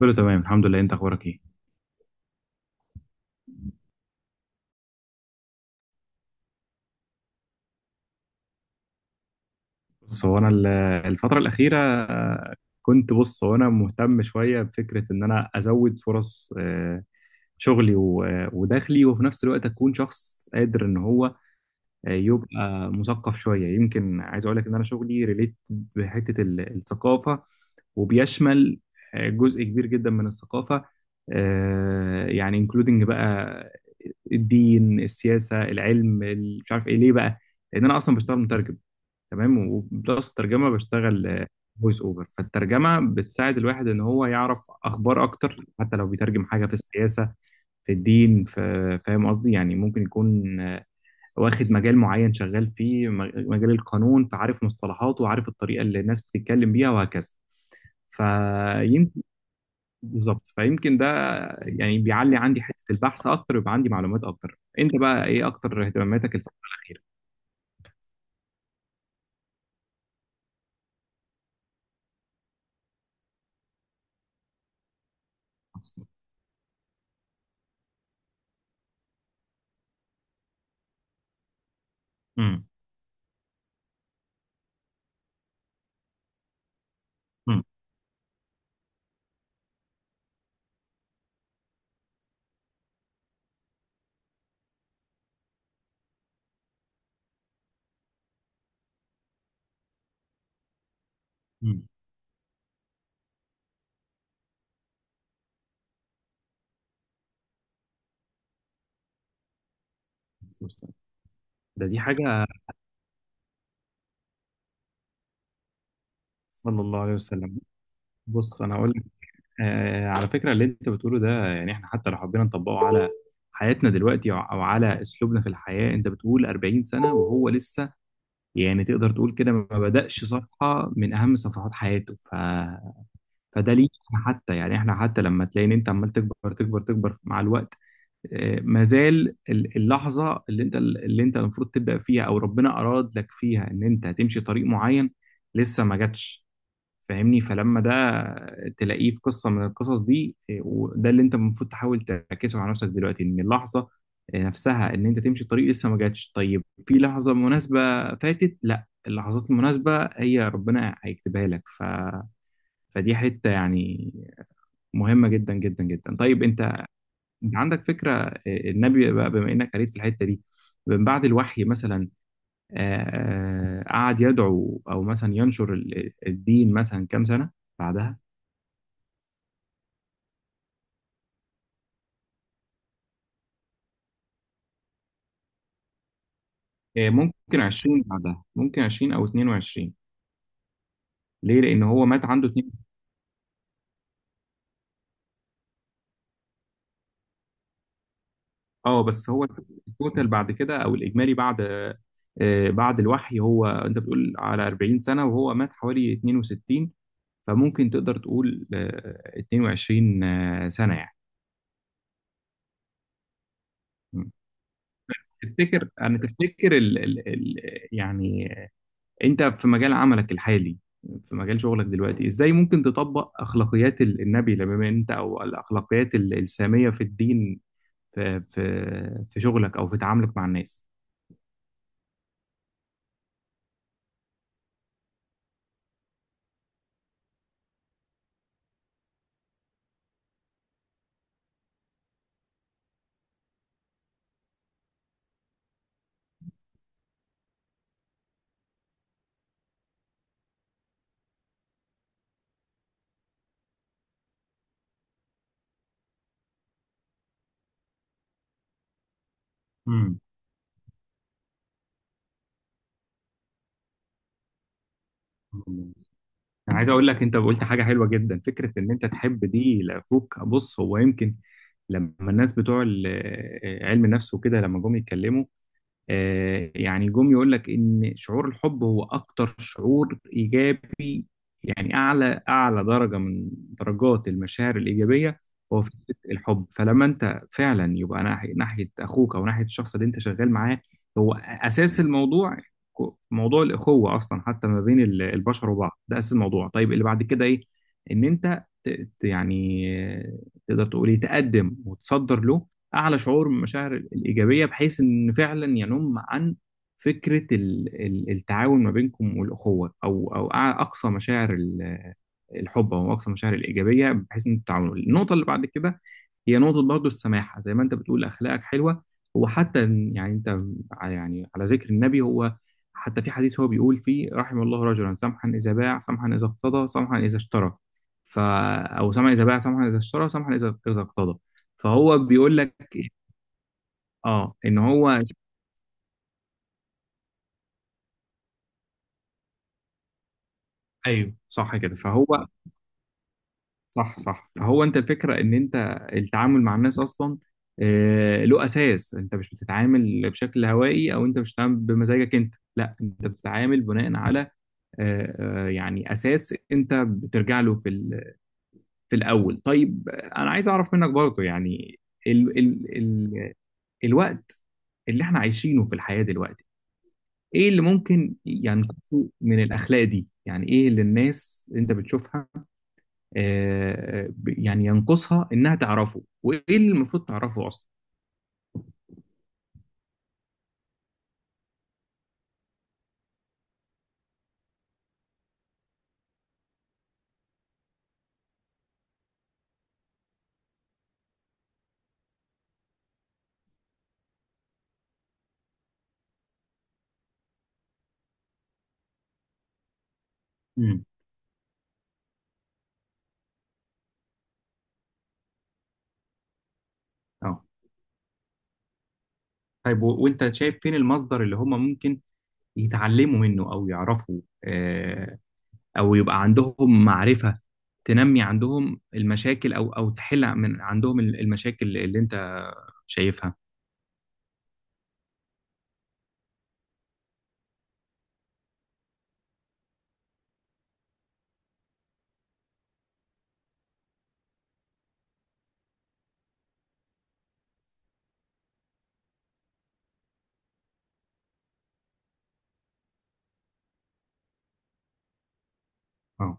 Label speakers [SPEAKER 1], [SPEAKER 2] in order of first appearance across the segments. [SPEAKER 1] كله تمام الحمد لله، انت اخبارك ايه؟ بص هو انا ال- الفتره الاخيره كنت بص هو انا مهتم شويه بفكره ان انا ازود فرص، شغلي ودخلي، وفي نفس الوقت اكون شخص قادر ان هو، يبقى مثقف شويه. يمكن عايز اقول لك ان انا شغلي ريليت بحته الثقافه، وبيشمل جزء كبير جدا من الثقافه. يعني انكلودنج بقى الدين، السياسه، العلم، مش عارف ايه ليه بقى. لان انا اصلا بشتغل مترجم، تمام؟ وبلس الترجمه بشتغل فويس اوفر. فالترجمه بتساعد الواحد ان هو يعرف اخبار اكتر، حتى لو بيترجم حاجه في السياسه، في الدين، في... فاهم قصدي؟ يعني ممكن يكون واخد مجال معين شغال فيه، مجال القانون، فعارف مصطلحاته وعارف الطريقه اللي الناس بتتكلم بيها، وهكذا. فيمكن بالظبط. فيمكن ده يعني بيعلي عندي حته البحث اكتر ويبقى عندي معلومات اكتر. انت بقى ايه اكتر اهتماماتك الفتره الاخيره؟ امم. امم. امم. دي حاجه. صلى الله عليه وسلم. بص انا هقول لك، على فكره اللي انت بتقوله ده، يعني احنا حتى لو حبينا نطبقه على حياتنا دلوقتي او أو على اسلوبنا في الحياه. انت بتقول 40 سنه وهو لسه يعني تقدر تقول كده ما بدأش صفحه من اهم صفحات حياته. فده ليك. حتى يعني احنا حتى لما تلاقي ان انت عمال تكبر تكبر تكبر مع الوقت، آه ما زال اللحظه اللي انت اللي انت المفروض تبدأ فيها او ربنا اراد لك فيها ان انت هتمشي طريق معين لسه ما جاتش. فاهمني؟ فلما ده تلاقيه في قصه من القصص دي وده اللي انت المفروض تحاول تعكسه على نفسك دلوقتي، ان اللحظه نفسها ان انت تمشي الطريق لسه ما جاتش. طيب في لحظه مناسبه فاتت؟ لا، اللحظات المناسبه هي ربنا هيكتبها لك. فدي حته يعني مهمه جدا جدا جدا. طيب انت، انت عندك فكره النبي بقى بما انك قريت في الحته دي، من بعد الوحي مثلا قعد يدعو او مثلا ينشر الدين مثلا كام سنه بعدها؟ ممكن 20، بعدها ممكن 20 او 22. ليه؟ لان هو مات عنده 2... اه بس هو التوتال بعد كده او الاجمالي بعد، بعد الوحي. هو انت بتقول على 40 سنه وهو مات حوالي 62، فممكن تقدر تقول 22 سنه يعني. مم. تفتكر انا تفتكر ال ال ال يعني انت في مجال عملك الحالي، في مجال شغلك دلوقتي، ازاي ممكن تطبق اخلاقيات النبي لما انت، او الاخلاقيات الساميه في الدين، في في في شغلك او في تعاملك مع الناس؟ امم. انا عايز اقول لك، انت قلت حاجه حلوه جدا، فكره ان انت تحب دي لاخوك. بص هو يمكن لما الناس بتوع علم النفس وكده لما جم يتكلموا، يعني جم يقول لك ان شعور الحب هو اكتر شعور ايجابي، يعني اعلى درجه من درجات المشاعر الايجابيه. هو فكره الحب، فلما انت فعلا يبقى ناحيه اخوك او ناحيه الشخص اللي انت شغال معاه، هو اساس الموضوع. موضوع الاخوه اصلا حتى ما بين البشر وبعض، ده اساس الموضوع. طيب اللي بعد كده ايه؟ ان انت يعني آه، تقدر تقول ايه، تقدم وتصدر له اعلى شعور من المشاعر الايجابيه بحيث ان فعلا ينم عن فكره التعاون ما بينكم والاخوه، او اقصى مشاعر الحب او اقصى مشاعر الايجابيه، بحيث ان التعاون. النقطه اللي بعد كده هي نقطه برضه السماحه. زي ما انت بتقول اخلاقك حلوه، وحتى يعني انت يعني على ذكر النبي، هو حتى في حديث هو بيقول فيه: رحم الله رجلا سمحا اذا باع، سمحا اذا اقتضى، سمحا اذا اشترى. ف او سمحا اذا باع، سمحا اذا اشترى، سمحا اذا اقتضى. فهو بيقول لك إيه؟ اه، ان هو... ايوه صح كده. فهو صح صح فهو انت الفكره ان انت التعامل مع الناس اصلا، له اساس. انت مش بتتعامل بشكل هوائي، او انت مش بتتعامل بمزاجك انت، لا، انت بتتعامل بناء على، يعني اساس انت بترجع له في في الاول. طيب انا عايز اعرف منك برضه يعني، ال ال ال الوقت اللي احنا عايشينه في الحياه دلوقتي، ايه اللي ممكن يعني نشوفه من الاخلاق دي؟ يعني ايه اللي الناس انت بتشوفها يعني ينقصها انها تعرفه، وايه اللي المفروض تعرفه اصلا؟ امم. اه. طيب وانت شايف فين المصدر اللي هم ممكن يتعلموا منه او يعرفوا، آه، او يبقى عندهم معرفة تنمي عندهم المشاكل او او تحل من عندهم المشاكل اللي انت شايفها؟ اه.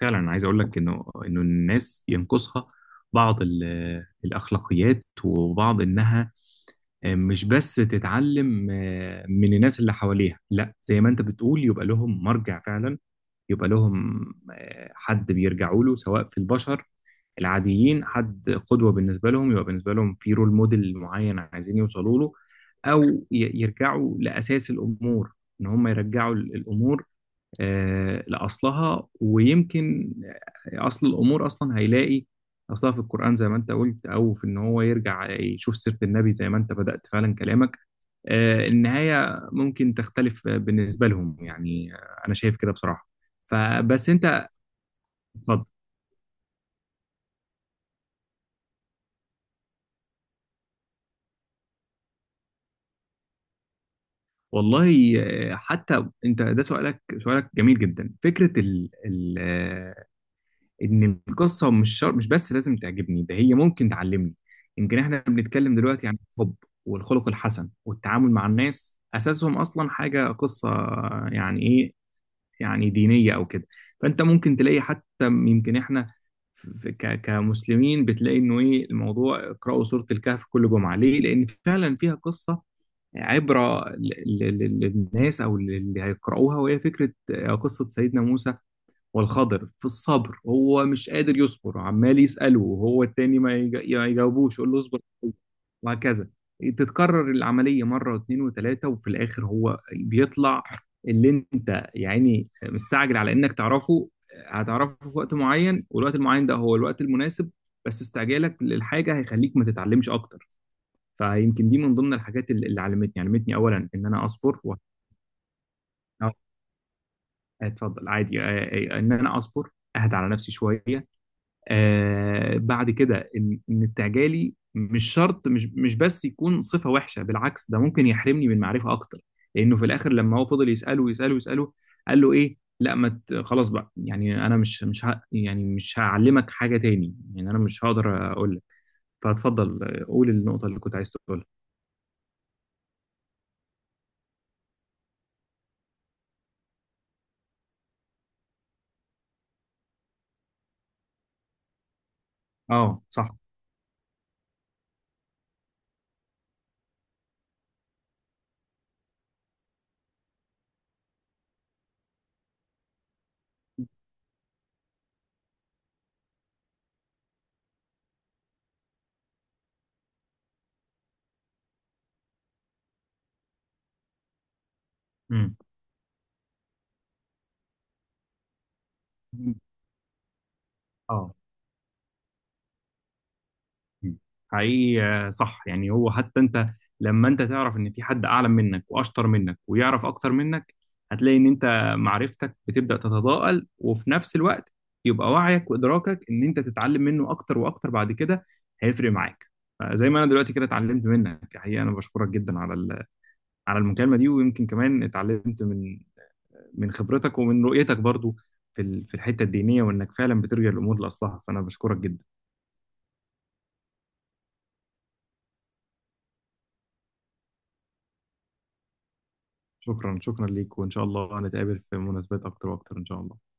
[SPEAKER 1] فعلا انا عايز اقول لك، انه الناس ينقصها بعض الاخلاقيات، وبعض انها مش بس تتعلم من الناس اللي حواليها، لا، زي ما انت بتقول يبقى لهم مرجع فعلا، يبقى لهم حد بيرجعوا له سواء في البشر العاديين، حد قدوة بالنسبة لهم، يبقى بالنسبة لهم في رول موديل معين عايزين يوصلوا له، او يرجعوا لاساس الامور، ان هم يرجعوا الامور لأصلها. ويمكن أصل الأمور أصلا هيلاقي أصلها في القرآن زي ما أنت قلت، أو في إن هو يرجع يشوف سيرة النبي زي ما أنت بدأت فعلا كلامك. النهاية ممكن تختلف بالنسبة لهم يعني، أنا شايف كده بصراحة. أنت اتفضل. والله حتى أنت ده سؤالك، سؤالك جميل جدا. فكرة ال ال آه، ان القصه مش بس لازم تعجبني، ده هي ممكن تعلمني. يمكن احنا بنتكلم دلوقتي عن الحب والخلق الحسن والتعامل مع الناس، اساسهم اصلا حاجه قصه، يعني ايه، يعني دينيه او كده. فانت ممكن تلاقي حتى يمكن احنا في كمسلمين، بتلاقي انه ايه الموضوع اقرأوا سورة الكهف كل جمعة. ليه؟ لان فعلا فيها قصة عبرة ل- ل- للناس او اللي هيقرأوها. وهي فكرة قصة سيدنا موسى والخضر في الصبر، هو مش قادر يصبر عمال يسأله، وهو التاني ما يجاوبوش، يقول له اصبر وهكذا. تتكرر العملية مرة واثنين وثلاثة، وفي الآخر هو بيطلع اللي انت يعني مستعجل على انك تعرفه، هتعرفه في وقت معين، والوقت المعين ده هو الوقت المناسب. بس استعجالك للحاجة هيخليك ما تتعلمش أكتر. فيمكن دي من ضمن الحاجات اللي علمتني أولا إن أنا أصبر و... اتفضل عادي. إن أنا أصبر، أهدى على نفسي شوية. بعد كده ان إن استعجالي مش شرط مش مش بس يكون صفة وحشة، بالعكس ده ممكن يحرمني من معرفة اكتر. لانه في الاخر لما هو فضل يسأله يسأله، قال له ايه، لا ما ت- خلاص بقى، يعني انا مش مش ه... يعني مش هعلمك حاجة تاني، يعني انا مش هقدر اقول لك. فاتفضل قول النقطة اللي كنت عايز تقولها. اه صح. امم. اه حقيقي. صح يعني. هو حتى انت لما انت تعرف ان في حد اعلى منك واشطر منك ويعرف اكتر منك، هتلاقي ان انت معرفتك بتبدأ تتضاءل، وفي نفس الوقت يبقى وعيك وادراكك ان انت تتعلم منه اكتر واكتر بعد كده هيفرق معاك. فزي ما انا دلوقتي كده اتعلمت منك حقيقة، انا بشكرك جدا على على المكالمة دي، ويمكن كمان اتعلمت من من خبرتك ومن رؤيتك برضو، في في الحتة الدينية، وانك فعلا بترجع الامور لاصلها، فانا بشكرك جدا. شكرا، شكرا ليك، وإن شاء الله نتقابل في مناسبات أكتر وأكتر إن شاء الله.